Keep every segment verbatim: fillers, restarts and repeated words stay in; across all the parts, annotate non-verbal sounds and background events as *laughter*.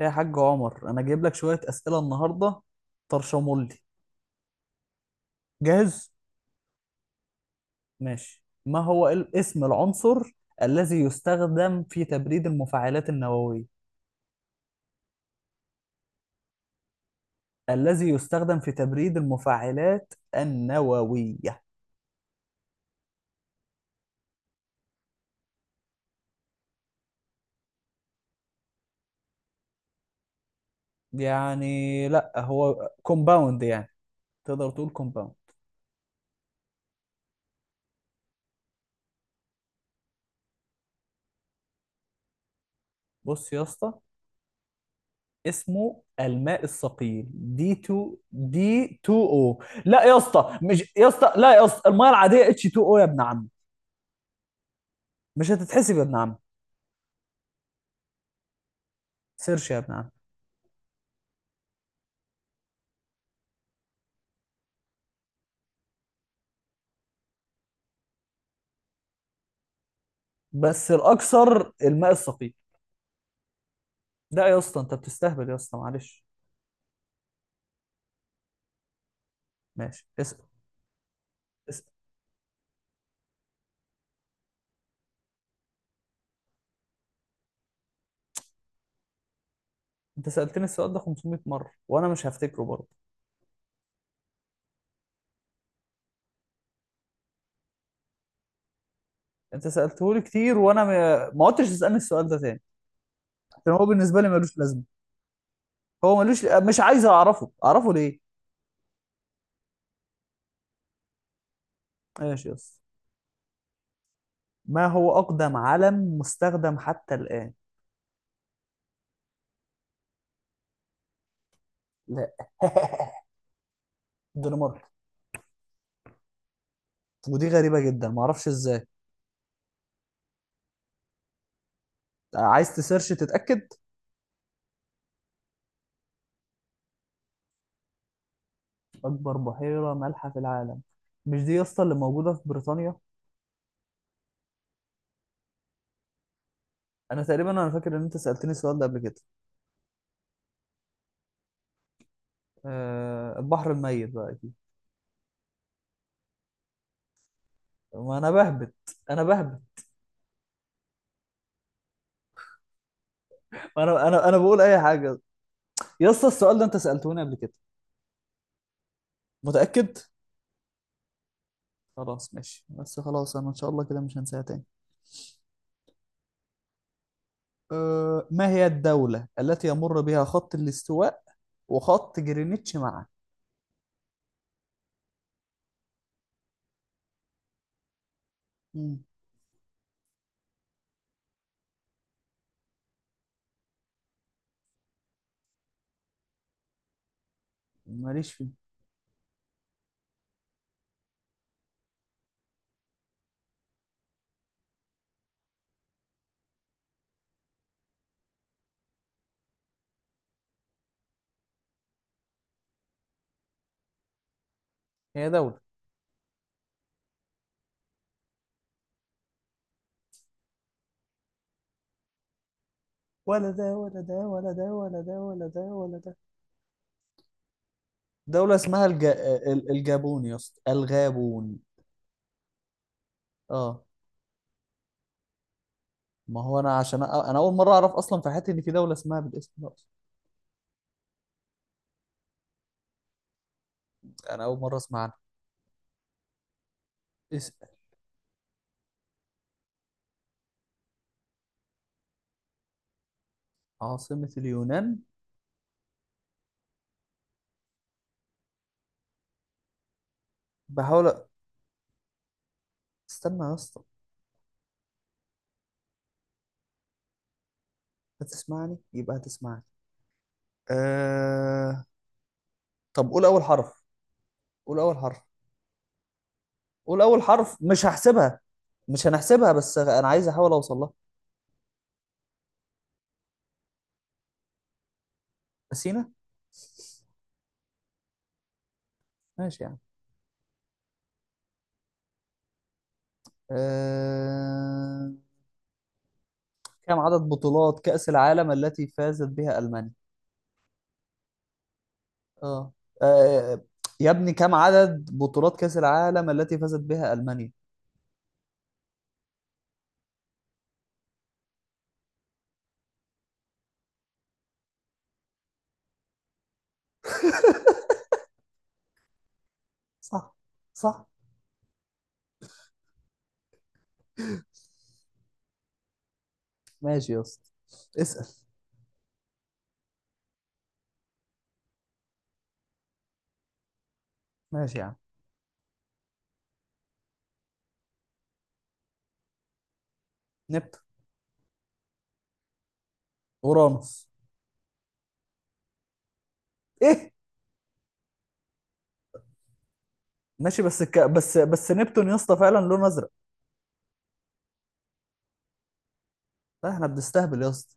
يا حاج عمر، انا جايب لك شوية أسئلة النهاردة. طرشمولي. جاهز. ماشي. ما هو ال- اسم العنصر الذي يستخدم في تبريد المفاعلات النووية؟ الذي يستخدم في تبريد المفاعلات النووية. يعني لا، هو كومباوند يعني. تقدر تقول كومباوند. بص يا اسطى، اسمه الماء الثقيل، دي تو دي تو او. لا يا اسطى، مش يا اسطى، لا يا اسطى، الميه العاديه اتش تو او يا ابن عم. مش هتتحسب يا ابن عم. سيرش يا ابن عم. بس الاكثر الماء الثقيل. لا يا اسطى، انت بتستهبل يا اسطى، معلش. ماشي. انت سالتني السؤال ده خمسمية مرة مره وانا مش هفتكره برضه. انت سالته لي كتير وانا ما ما عدتش تسالني السؤال ده تاني. عشان هو بالنسبه لي ملوش لازمه. هو ملوش، مش عايز اعرفه، اعرفه ليه؟ ماشي يا اسطى. ما هو اقدم علم مستخدم حتى الان؟ لا. *laughs* الدنمارك. ودي غريبه جدا، ما اعرفش ازاي. عايز تسيرش تتاكد؟ اكبر بحيره مالحه في العالم. مش دي يا اسطى اللي موجوده في بريطانيا؟ انا تقريبا، انا فاكر ان انت سالتني السؤال ده قبل كده. أه، البحر الميت بقى اكيد. طب ما انا بهبد. انا بهبد. ما انا انا انا بقول اي حاجه. يا اسطى السؤال ده انت سالتوني قبل كده. متاكد؟ خلاص ماشي، بس خلاص انا ان شاء الله كده مش هنساها تاني. أه، ما هي الدوله التي يمر بها خط الاستواء وخط جرينتش معا؟ مم، ماليش في. هي دوله. ولا ده ولا ده ولا ده ولا ده. دوله اسمها الج... ال- الجابون يا اسطى، الغابون. اه. ما هو انا عشان أ... انا اول مره اعرف اصلا في حياتي ان في دوله اسمها بالاسم ده اصلا. انا اول مره اسمع عنها. اسم عاصمه اليونان. بحاول أ- استنى يا اسطى. هتسمعني يبقى هتسمعني. أه... طب قول اول حرف. قول اول حرف. قول اول حرف، مش هحسبها. مش هنحسبها، بس انا عايز احاول اوصل لها. اثينا. ماشي يعني. أه... كم عدد بطولات كأس العالم التي فازت بها ألمانيا؟ اه. آه، يا ابني كم عدد بطولات كأس العالم التي فازت بها ألمانيا؟ صح. ماشي يا اسطى. ماشي يا عم. نبتون. اورانوس. ايه. ماشي بس الك... بس بس نبتون يا اسطى فعلا لونه ازرق. لا، احنا بنستهبل يا اسطى.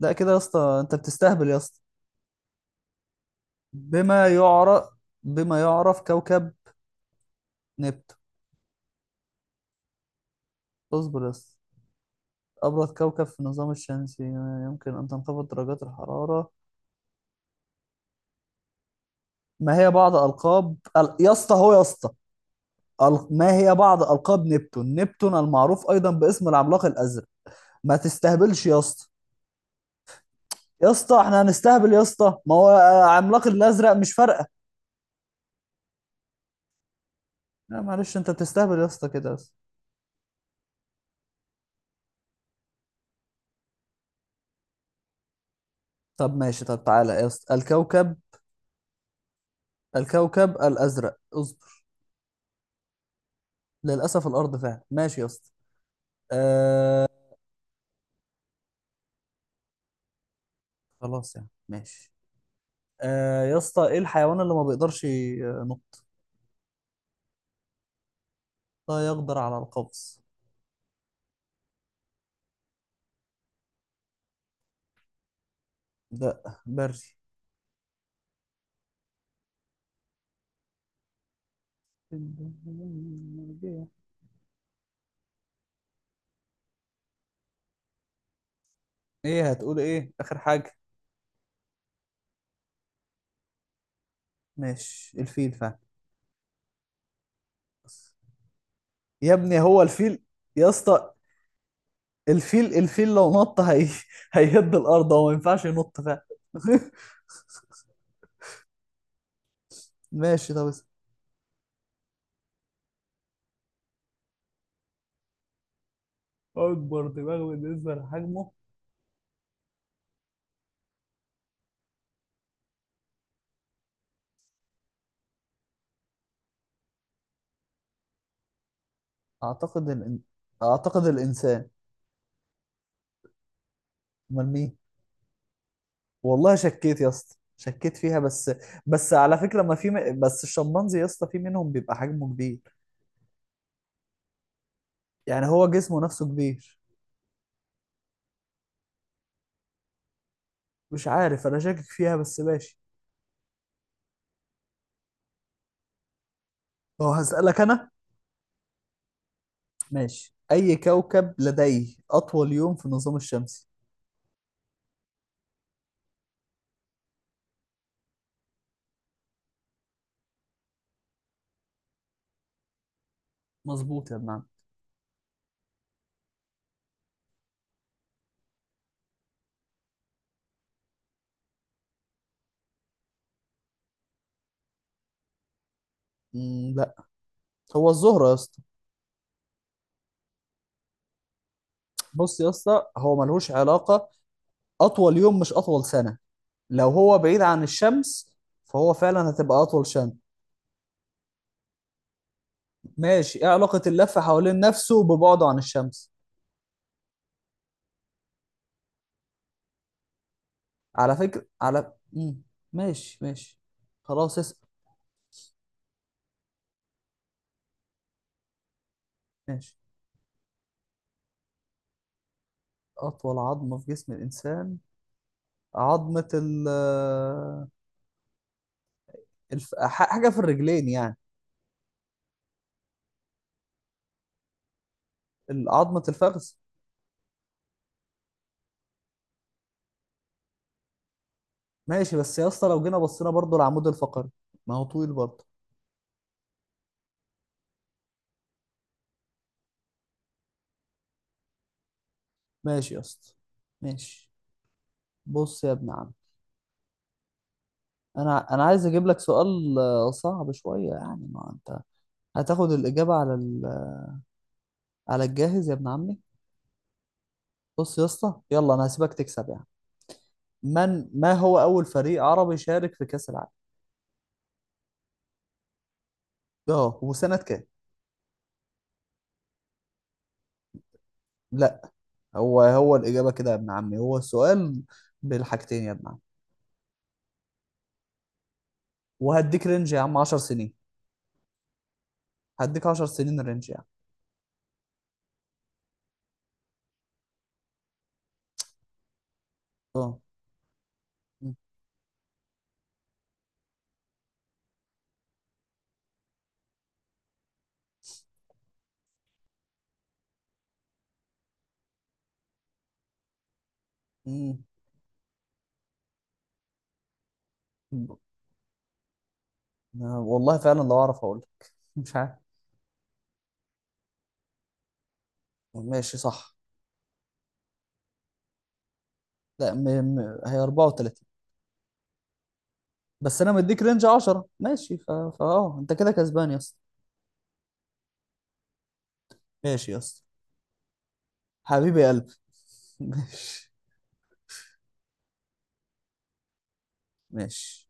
لا كده يا اسطى، انت بتستهبل يا اسطى. بما يعرف. بما يعرف كوكب نبتون. اصبر يا اسطى. ابرد كوكب في النظام الشمسي يمكن ان تنخفض درجات الحرارة. ما هي بعض القاب ال- يا اسطى، هو، يا اسطى، أل- ما هي بعض ألقاب نبتون؟ نبتون المعروف أيضا باسم العملاق الأزرق. ما تستهبلش يا اسطى. يا اسطى احنا هنستهبل يا اسطى. ما هو آه، عملاق الأزرق مش فارقة. لا معلش، انت بتستهبل يا اسطى كده بس. طب ماشي، طب تعالى يا اسطى الكوكب. الكوكب الأزرق، اصبر. للأسف الأرض فعلا. ماشي يا اسطى. آه. خلاص يعني ماشي. آه يا اسطى، ايه الحيوان اللي ما بيقدرش ينط؟ لا يقدر على القفز. لا، بري. ايه هتقول؟ ايه اخر حاجة؟ ماشي الفيل فعلا. يا ابني هو الفيل. يا اسطى الفيل الفيل لو نط، هي... *laughs* هيهد الارض، هو ما ينفعش ينط. *laughs* ماشي طب اسأل. اكبر دماغ بالنسبه لحجمه؟ اعتقد. اعتقد الانسان. والله شكيت يا اسطى، شكيت فيها بس. بس على فكره، ما في م... بس الشمبانزي يا اسطى في منهم بيبقى حجمه كبير. يعني هو جسمه نفسه كبير. مش عارف، انا شاكك فيها بس ماشي. هو هسألك انا. ماشي. اي كوكب لديه اطول يوم في النظام الشمسي؟ مظبوط يا ابن عم. مم، هو الزهرة يا اسطى. بص يا اسطى هو ملهوش علاقة. أطول يوم مش أطول سنة. لو هو بعيد عن الشمس، فهو فعلا هتبقى أطول. ماشي. إيه علاقة اللف حوالين نفسه ببعده عن الشمس؟ على فكرة، على مم. ماشي ماشي. خلاص اسأل. ماشي. أطول عظمة في جسم الإنسان. عظمة ال آه، الف... ح- حاجة في الرجلين يعني. ال- عظمة الفخذ. ماشي، بس يا اسطى لو جينا بصينا برضو العمود الفقري، ما هو طويل برضه. ماشي يا اسطى ماشي. بص يا ابن عم. انا انا عايز اجيب لك سؤال آه، صعب شويه يعني. ما انت هتاخد الاجابه على ال... على الجاهز يا ابن عمي. بص يا اسطى يلا انا هسيبك تكسب يعني. من ما هو اول فريق عربي شارك في كاس العالم؟ اه، وسنه كام؟ لا. هو هو الاجابه كده يا ابن عمي، هو السؤال بالحاجتين يا ابن عمي. وهديك رينج يا عم 10 سنين. هديك 10 سنين رينج يعني. اه. آه، والله فعلا لو اعرف اقول. ماشي صح. لا، م... م... هي أربعة وثلاثين. بس انا مديك رينج عشر. ماشي ف... فاه انت كده كسبان يا اسطى. ماشي يا اسطى. حبيبي يا قلبي. *laughs* ماشي ماشي.